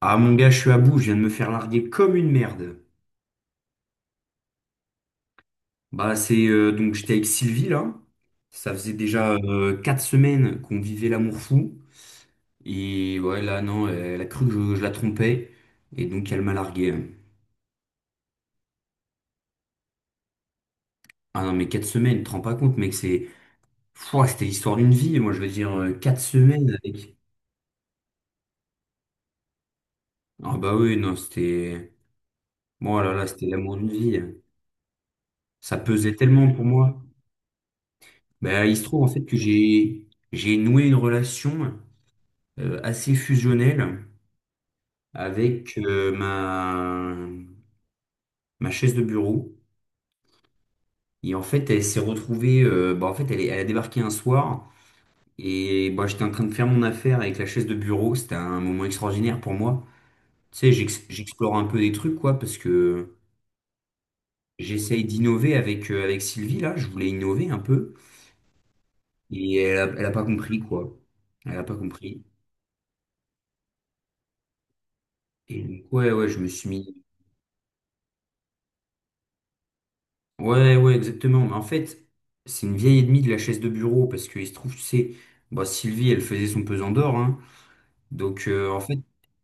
Ah mon gars, je suis à bout, je viens de me faire larguer comme une merde. Bah c'est donc j'étais avec Sylvie là. Ça faisait déjà 4 semaines qu'on vivait l'amour fou. Et ouais là non, elle a cru que je la trompais. Et donc elle m'a largué. Ah non mais 4 semaines, tu te rends pas compte mec, c'est. Pouah, c'était l'histoire d'une vie, moi je veux dire 4 semaines avec. Ah bah oui, non, c'était. Moi là là, c'était l'amour d'une vie. Ça pesait tellement pour moi. Bah il se trouve en fait que j'ai noué une relation assez fusionnelle avec ma, ma chaise de bureau. Et en fait, elle s'est retrouvée, en fait, elle a débarqué un soir et bah, j'étais en train de faire mon affaire avec la chaise de bureau. C'était un moment extraordinaire pour moi. Tu sais, j'explore un peu des trucs, quoi, parce que j'essaye d'innover avec, avec Sylvie, là. Je voulais innover un peu et elle a pas compris, quoi. Elle a pas compris. Et donc, ouais, ouais, je me suis mis. Ouais, ouais, exactement. Mais en fait, c'est une vieille ennemie de la chaise de bureau parce qu'il se trouve, tu sais, bah, Sylvie, elle faisait son pesant d'or, hein. Donc, en fait,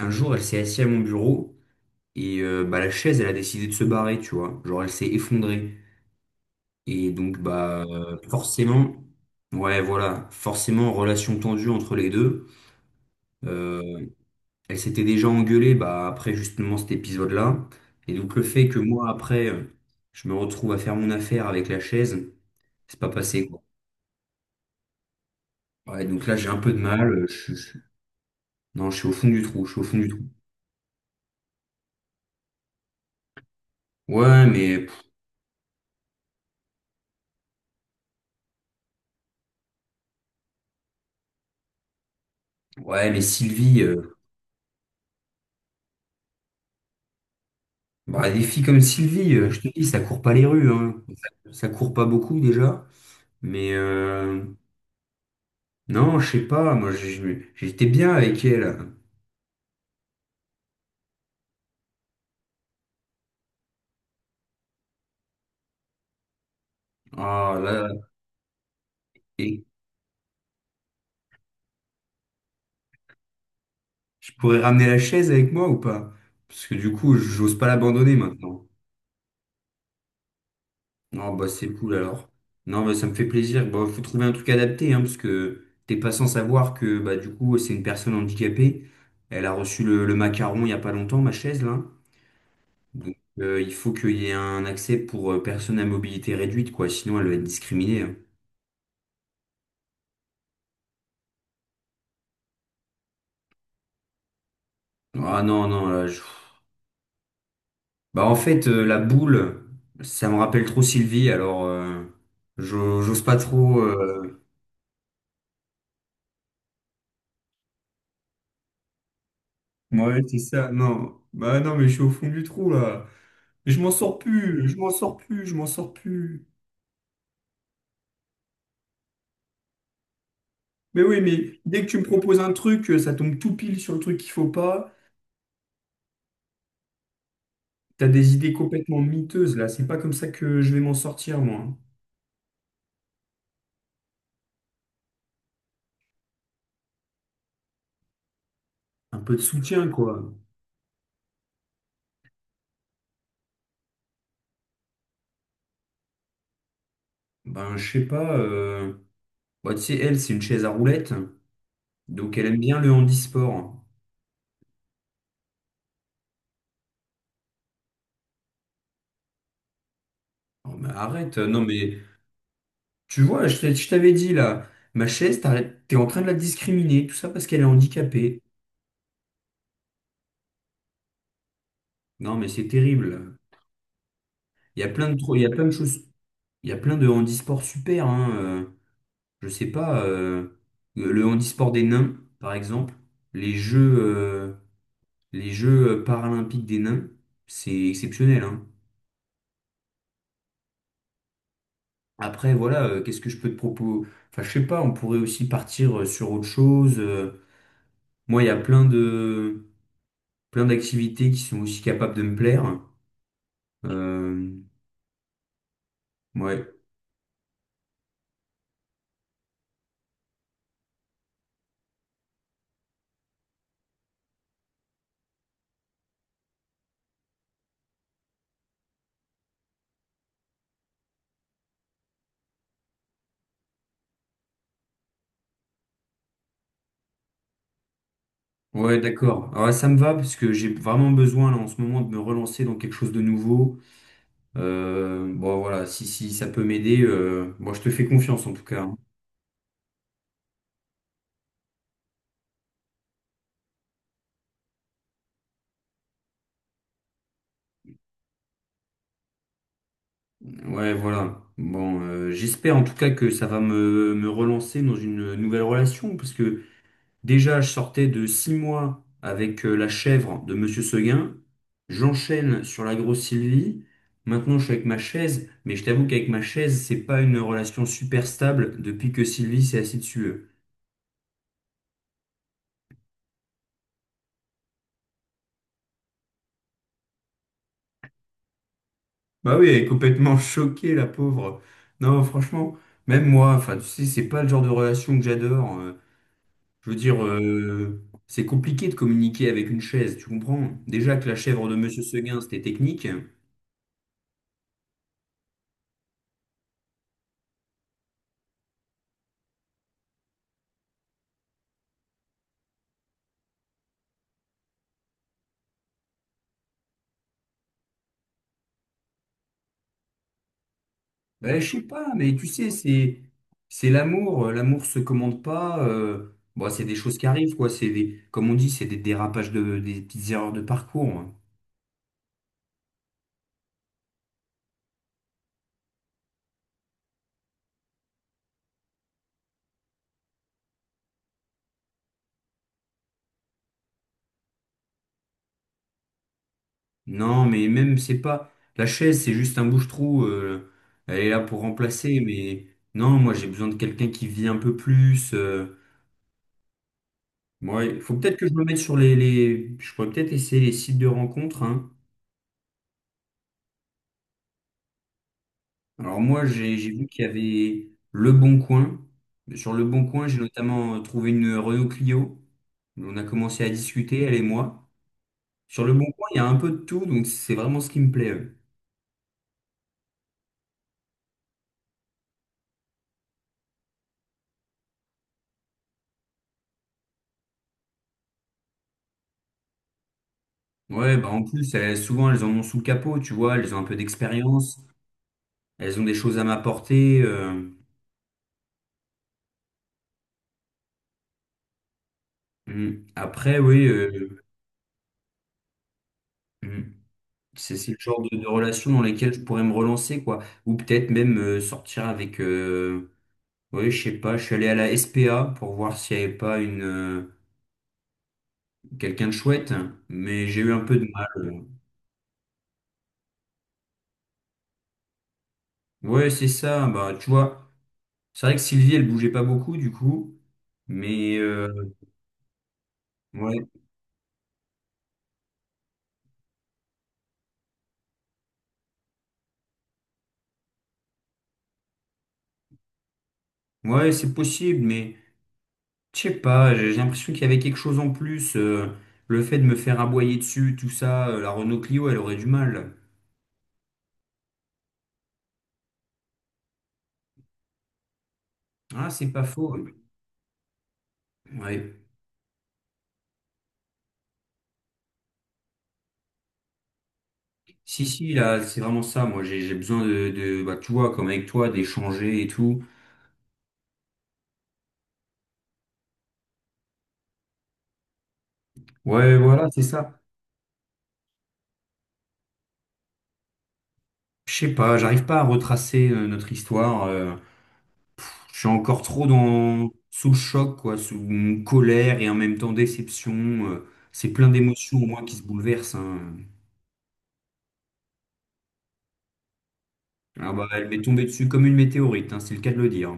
un jour, elle s'est assise à mon bureau et bah, la chaise, elle a décidé de se barrer, tu vois. Genre, elle s'est effondrée. Et donc, forcément, ouais, voilà, forcément, relation tendue entre les deux. Euh, elle s'était déjà engueulée bah, après justement cet épisode-là. Et donc le fait que moi, après, je me retrouve à faire mon affaire avec la chaise, c'est pas passé, quoi. Ouais, donc là, j'ai un peu de mal. Non, je suis au fond du trou, je suis au fond du trou. Ouais, mais, pff, ouais, mais Sylvie, bah, des filles comme Sylvie, je te dis, ça court pas les rues, hein. Ça court pas beaucoup déjà. Mais non, je sais pas, moi, j'étais bien avec elle. Ah là, là. Je pourrais ramener la chaise avec moi ou pas? Parce que du coup, j'ose pas l'abandonner maintenant. Non, bah c'est cool alors. Non, bah ça me fait plaisir. Bah faut trouver un truc adapté, hein, parce que t'es pas sans savoir que bah du coup c'est une personne handicapée. Elle a reçu le macaron il y a pas longtemps, ma chaise là. Donc il faut qu'il y ait un accès pour personnes à mobilité réduite, quoi. Sinon elle va être discriminée, hein. Ah non, non, là, je- Bah en fait, la boule, ça me rappelle trop Sylvie, alors j'ose pas trop. Ouais, c'est ça. Non, bah non, mais je suis au fond du trou là. Je m'en sors plus, je m'en sors plus, je m'en sors plus. Mais oui, mais dès que tu me proposes un truc, ça tombe tout pile sur le truc qu'il faut pas. T'as des idées complètement miteuses là. C'est pas comme ça que je vais m'en sortir moi. Un peu de soutien quoi. Ben je sais pas. Bah, tu sais, elle c'est une chaise à roulettes, donc elle aime bien le handisport. Oh, mais arrête, non mais tu vois, je t'avais dit là, ma chaise, t'es en train de la discriminer, tout ça parce qu'elle est handicapée. Non, mais c'est terrible. Il y a il y a plein de choses, il y a plein de handisports super, hein. Je sais pas, le handisport des nains, par exemple, les jeux, euh, les jeux paralympiques des nains, c'est exceptionnel, hein. Après, voilà, qu'est-ce que je peux te proposer? Enfin, je sais pas, on pourrait aussi partir sur autre chose. Moi, il y a plein d'activités qui sont aussi capables de me plaire. Euh, ouais. Ouais, d'accord. Ah ouais, ça me va parce que j'ai vraiment besoin là en ce moment de me relancer dans quelque chose de nouveau. Bon, voilà, si, si ça peut m'aider, bon, je te fais confiance en tout cas, hein. Ouais, voilà. Bon, j'espère en tout cas que ça va me relancer dans une nouvelle relation parce que déjà, je sortais de 6 mois avec la chèvre de Monsieur Seguin. J'enchaîne sur la grosse Sylvie. Maintenant, je suis avec ma chaise, mais je t'avoue qu'avec ma chaise, c'est pas une relation super stable depuis que Sylvie s'est assise dessus, hein. Bah oui, elle est complètement choquée, la pauvre. Non, franchement, même moi, enfin, tu sais, c'est pas le genre de relation que j'adore. Je veux dire, c'est compliqué de communiquer avec une chaise, tu comprends? Déjà que la chèvre de Monsieur Seguin, c'était technique. Bah, je sais pas, mais tu sais, c'est l'amour. L'amour se commande pas. Bon, c'est des choses qui arrivent, quoi. C'est des, comme on dit, c'est des des petites erreurs de parcours, hein. Non, mais même, c'est pas. La chaise, c'est juste un bouche-trou. Elle est là pour remplacer, mais non, moi, j'ai besoin de quelqu'un qui vit un peu plus. Moi, il faut peut-être que je me mette sur les- Je pourrais peut-être essayer les sites de rencontres, hein. Alors, moi, j'ai vu qu'il y avait Le Bon Coin. Sur Le Bon Coin, j'ai notamment trouvé une Renault Clio. On a commencé à discuter, elle et moi. Sur Le Bon Coin, il y a un peu de tout, donc c'est vraiment ce qui me plaît. Ouais, bah en plus, elles- souvent, elles en ont sous le capot, tu vois, elles ont un peu d'expérience. Elles ont des choses à m'apporter. Mm. Après, oui, mm. C'est c'est le genre de relation dans lesquelles je pourrais me relancer, quoi. Ou peut-être même sortir avec. Oui, je sais pas. Je suis allé à la SPA pour voir s'il n'y avait pas une quelqu'un de chouette, mais j'ai eu un peu de mal. Ouais, c'est ça. Bah, tu vois, c'est vrai que Sylvie, elle bougeait pas beaucoup, du coup. Mais ouais, ouais, c'est possible, mais. Je sais pas, j'ai l'impression qu'il y avait quelque chose en plus. Le fait de me faire aboyer dessus, tout ça, la Renault Clio, elle aurait du mal. Ah, c'est pas faux. Ouais. Si, si, là, c'est vraiment ça. Moi, j'ai besoin de- bah, tu vois, comme avec toi, d'échanger et tout. Ouais, voilà, c'est ça. Je sais pas, j'arrive pas à retracer notre histoire. Je suis encore trop sous le choc, quoi, sous une colère et en même temps déception. euh, c'est plein d'émotions, moi, qui se bouleversent, hein. Ah bah, elle m'est tombée dessus comme une météorite, hein, c'est le cas de le dire.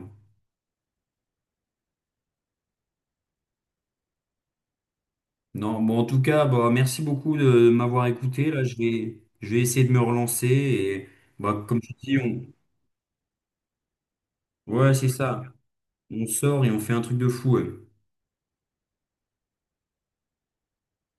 Non, bon, en tout cas, bah, merci beaucoup de m'avoir écouté. Là, je vais essayer de me relancer. Et bah, comme tu dis, on... ouais, c'est ça. On sort et on fait un truc de fou, ouais.